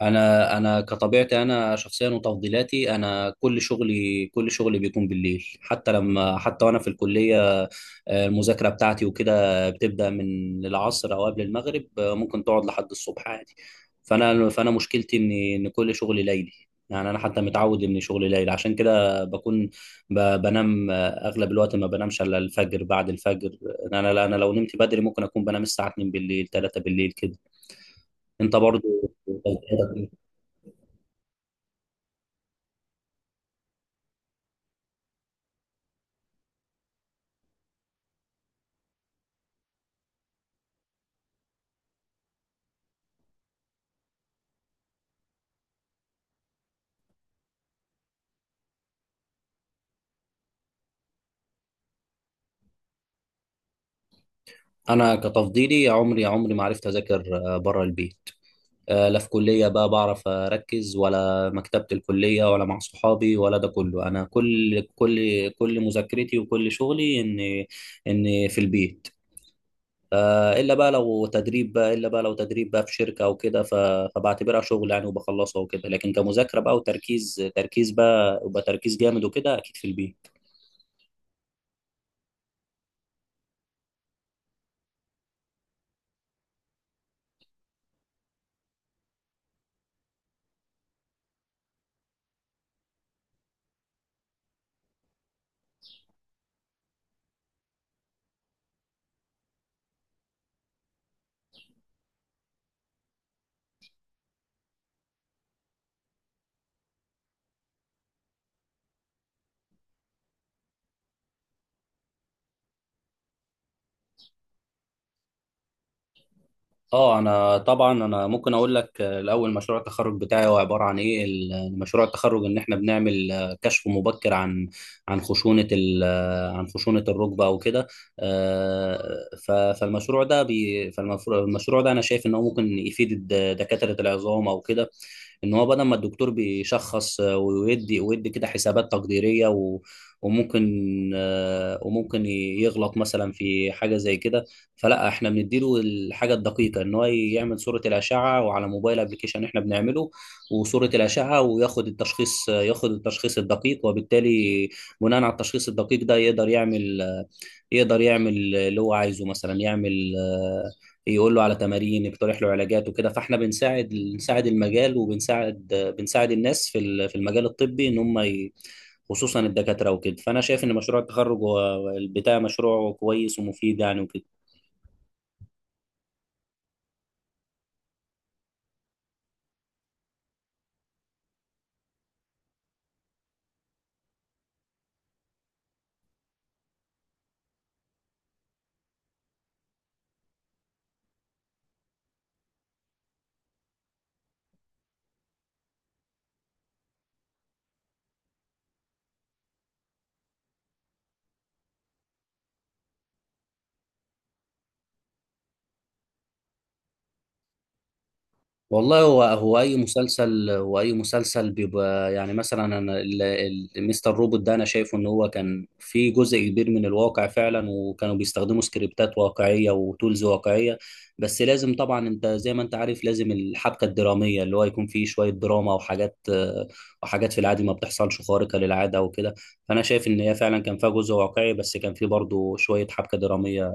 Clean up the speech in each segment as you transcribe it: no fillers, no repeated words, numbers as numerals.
انا كطبيعتي، انا شخصيا وتفضيلاتي، انا كل شغلي، بيكون بالليل. حتى وانا في الكليه، المذاكره بتاعتي وكده بتبدا من العصر او قبل المغرب، ممكن تقعد لحد الصبح عادي. فانا مشكلتي ان كل شغلي ليلي. يعني انا حتى متعود ان شغلي ليل، عشان كده بكون بنام اغلب الوقت، ما بنامش الا الفجر بعد الفجر. يعني انا لو نمت بدري ممكن اكون بنام الساعه 2 بالليل، 3 بالليل كده. انت برضو؟ انا كتفضيلي، يا عمري يا عمري ما عرفت اذاكر بره البيت. لا في كليه بقى بعرف اركز، ولا مكتبه الكليه، ولا مع صحابي، ولا ده كله. انا كل مذاكرتي وكل شغلي ان ان في البيت. الا بقى لو تدريب بقى الا بقى لو تدريب بقى في شركه او كده، فبعتبرها شغل يعني وبخلصها وكده. لكن كمذاكره بقى وتركيز، تركيز بقى وبقى تركيز جامد وكده، اكيد في البيت. اه انا طبعا انا ممكن اقول لك، الاول مشروع التخرج بتاعي هو عباره عن ايه. مشروع التخرج ان احنا بنعمل، كشف مبكر عن خشونه ال- آه، عن خشونه الركبه او كده. آه، فالمشروع ده انا شايف ان هو ممكن يفيد دكاتره العظام او كده، ان هو بدل ما الدكتور بيشخص، ويدي كده حسابات تقديريه، و وممكن آه، وممكن يغلط مثلا في حاجه زي كده. فلا احنا بنديله الحاجه الدقيقه، ان هو يعمل صوره الاشعه، وعلى موبايل ابلكيشن احنا بنعمله وصوره الاشعه، وياخد التشخيص، ياخد التشخيص الدقيق وبالتالي بناء على التشخيص الدقيق ده يقدر يعمل، اللي هو عايزه. مثلا يعمل، يقول له على تمارين، يقترح له علاجات وكده. فاحنا بنساعد، المجال وبنساعد، آه، بنساعد الناس في في المجال الطبي، خصوصا الدكاتره وكده. فانا شايف ان مشروع التخرج هو- بتاع مشروع كويس ومفيد يعني وكده. والله هو اي مسلسل بيبقى يعني. مثلا انا مستر روبوت ده انا شايفه ان هو كان في جزء كبير من الواقع فعلا، وكانوا بيستخدموا سكريبتات واقعيه وتولز واقعيه. بس لازم طبعا انت زي ما انت عارف لازم الحبكه الدراميه، اللي هو يكون فيه شويه دراما وحاجات، آه، وحاجات في العادي ما بتحصلش، خارقه للعاده وكده. فانا شايف ان هي فعلا كان فيها جزء واقعي، بس كان فيه برضه شويه حبكه دراميه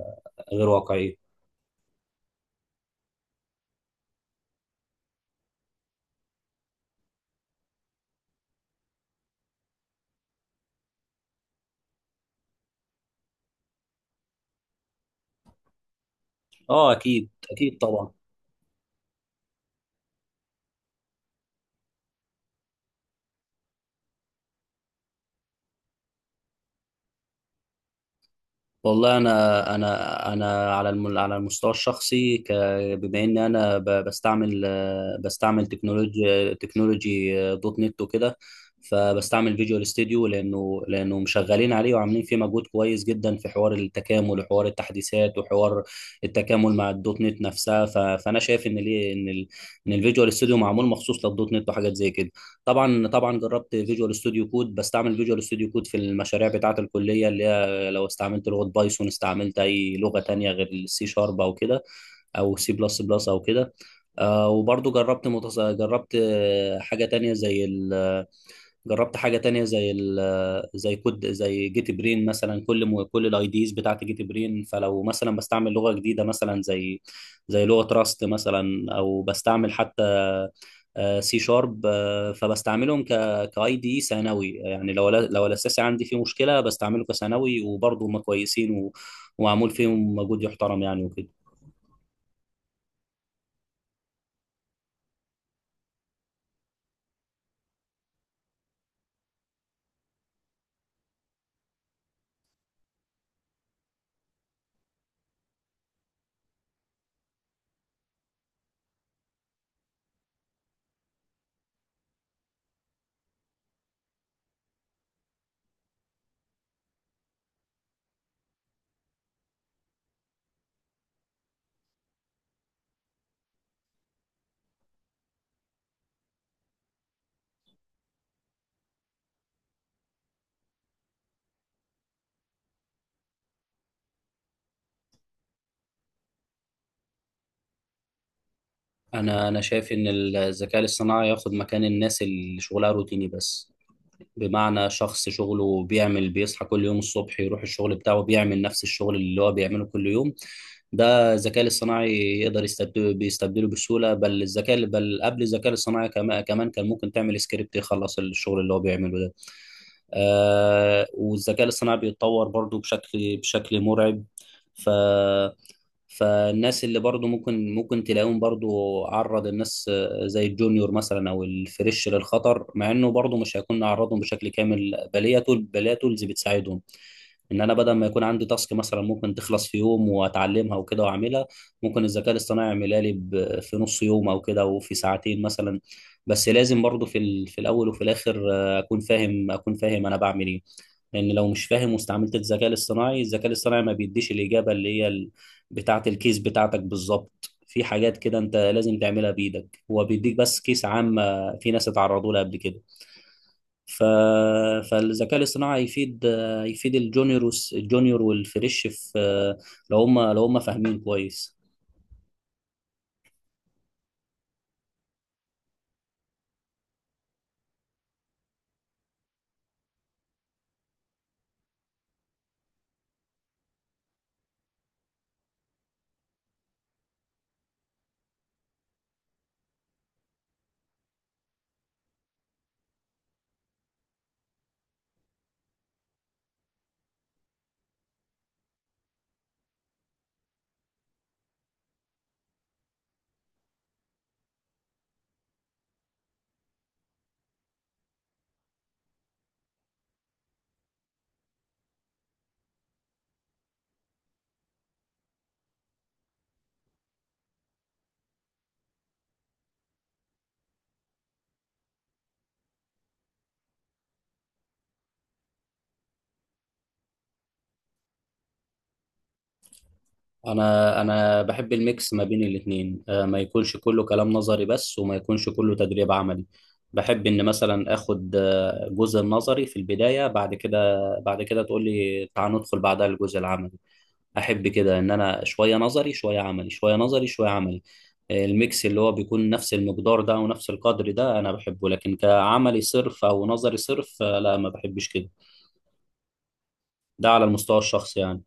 غير واقعيه. اه اكيد اكيد طبعا. والله انا على على المستوى الشخصي، بما ان انا بستعمل، بستعمل تكنولوجي، دوت نت وكده. فبستعمل فيجوال ستوديو لانه مشغلين عليه وعاملين فيه مجهود كويس جدا، في حوار التكامل وحوار التحديثات وحوار التكامل مع الدوت نت نفسها. فانا شايف ان ليه ان ال ان الفيجوال ستوديو معمول مخصوص للدوت نت، وحاجات زي كده. طبعا جربت فيجوال ستوديو كود، بستعمل فيجوال ستوديو كود في المشاريع بتاعه الكليه، اللي لو استعملت لغة بايثون، استعملت أي لغة تانية غير السي شارب أو كده، أو سي بلس بلس أو كده. وبرضو جربت، حاجة تانية زي ال جربت حاجة تانية زي ال زي كود زي جيت برين مثلا. كل الاي ديز بتاعت جيت برين. فلو مثلا بستعمل لغة جديدة مثلا، زي لغة راست مثلا، او بستعمل حتى سي شارب، فبستعملهم كاي دي ثانوي. يعني لو لا- لو الاساسي عندي فيه مشكلة بستعمله كثانوي، وبرضه هم كويسين ومعمول فيهم مجهود يحترم يعني وكده. انا شايف ان الذكاء الاصطناعي ياخد مكان الناس اللي شغلها روتيني بس. بمعنى شخص شغله بيعمل، بيصحى كل يوم الصبح يروح الشغل بتاعه، بيعمل نفس الشغل اللي هو بيعمله كل يوم، ده الذكاء الاصطناعي يقدر يستبدله، بسهولة بل قبل الذكاء الاصطناعي، كمان كان ممكن تعمل سكريبت يخلص الشغل اللي هو بيعمله ده. آه، والذكاء الاصطناعي بيتطور برضو بشكل مرعب. ف فالناس اللي برضو ممكن تلاقيهم، برضو عرض الناس، زي الجونيور مثلا او الفريش، للخطر. مع انه برضو مش هيكون عرضهم بشكل كامل، بل هي تولز بتساعدهم. ان انا بدل ما يكون عندي تاسك مثلا ممكن تخلص في يوم، واتعلمها وكده واعملها، ممكن الذكاء الاصطناعي يعملها لي في نص يوم او كده، وفي ساعتين مثلا. بس لازم برضو في في الاول وفي الاخر، اكون فاهم، انا بعمل ايه. لان لو مش فاهم واستعملت الذكاء الاصطناعي، ما بيديش الاجابه اللي هي بتاعه الكيس بتاعتك بالظبط. في حاجات كده انت لازم تعملها بايدك، هو بيديك بس كيس عام، آه، في ناس اتعرضوا لها قبل كده. ف... فالذكاء الاصطناعي يفيد، الجونيور الجونيور والفريش، في لو هم فاهمين كويس. انا بحب الميكس ما بين الاثنين. ما يكونش كله كلام نظري بس، وما يكونش كله تدريب عملي. بحب ان مثلا اخد، جزء النظري في البدايه، بعد كده تقول لي تعال ندخل بعدها الجزء العملي. احب كده ان انا شويه نظري شويه عملي، شويه نظري شويه عملي. الميكس اللي هو بيكون نفس المقدار ده ونفس القدر ده انا بحبه. لكن كعملي صرف او نظري صرف، لا ما بحبش كده. ده على المستوى الشخصي يعني.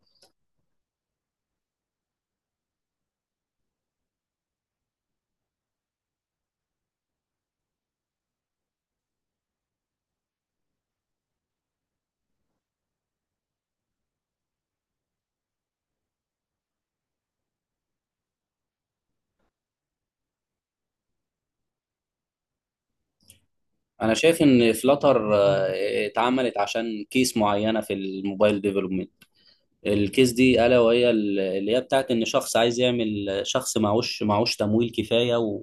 انا شايف ان فلاتر اتعملت عشان كيس معينه في الموبايل ديفلوبمنت. الكيس دي الا وهي، اللي هي بتاعت، ان شخص عايز يعمل، شخص معهوش تمويل كفايه،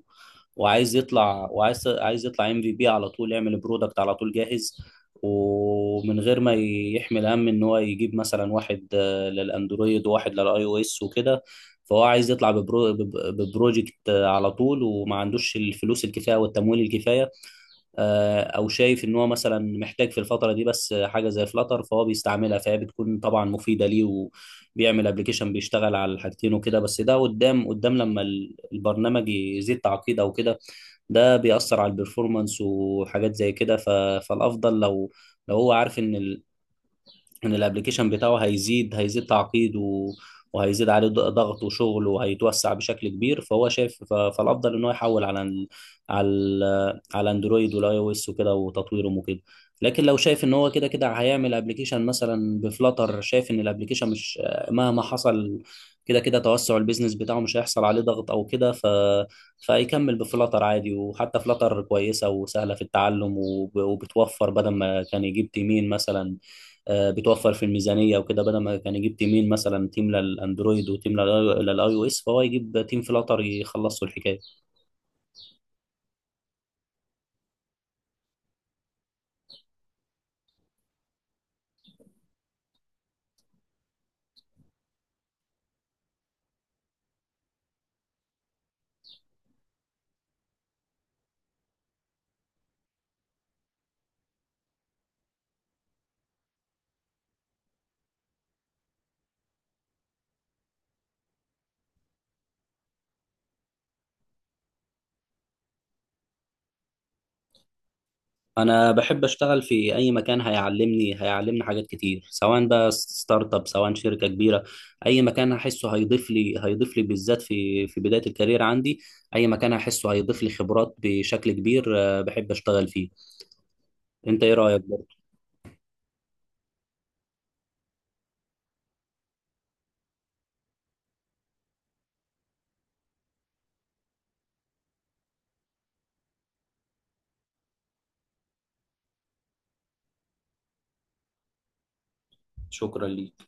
وعايز يطلع، عايز يطلع ام في بي على طول، يعمل برودكت على طول جاهز، ومن غير ما يحمل هم ان هو يجيب مثلا واحد، للاندرويد وواحد للاي او اس وكده. فهو عايز يطلع ببروجكت، على طول، وما عندوش الفلوس الكفايه والتمويل الكفايه. او شايف ان هو مثلا محتاج في الفتره دي بس حاجه زي فلاتر، فهو بيستعملها، فهي بتكون طبعا مفيده ليه، وبيعمل ابلكيشن بيشتغل على الحاجتين وكده. بس ده قدام، لما البرنامج يزيد تعقيد او كده، ده بيأثر على البرفورمانس وحاجات زي كده. فالافضل لو، لو هو عارف ان، ان الابليكيشن بتاعه هيزيد، تعقيد وهيزيد عليه ضغط وشغل، وهيتوسع بشكل كبير، فهو شايف فالافضل ان هو يحول على على ال... على اندرويد والاي او اس وكده، وتطويرهم وكده. لكن لو شايف ان هو كده كده هيعمل ابلكيشن مثلا بفلاتر، شايف ان الابلكيشن مش، مهما حصل، كده كده توسع البيزنس بتاعه مش هيحصل عليه ضغط او كده، فيكمل بفلاتر عادي. وحتى فلاتر كويسة وسهلة في التعلم، وبتوفر بدل ما كان يجيب تيمين مثلا، بتوفر في الميزانيه وكده. بدل ما كان يجيب تيمين مثلا، تيم للاندرويد وتيم للاي او اس، فهو يجيب تيم فلاتر يخلصوا الحكايه. انا بحب اشتغل في اي مكان هيعلمني، حاجات كتير، سواء بقى ستارت اب سواء شركه كبيره. اي مكان هحسه هيضيف لي، بالذات في في بدايه الكارير عندي، اي مكان هحسه هيضيف لي خبرات بشكل كبير، بحب اشتغل فيه. انت ايه رايك برضه؟ شكرا ليك.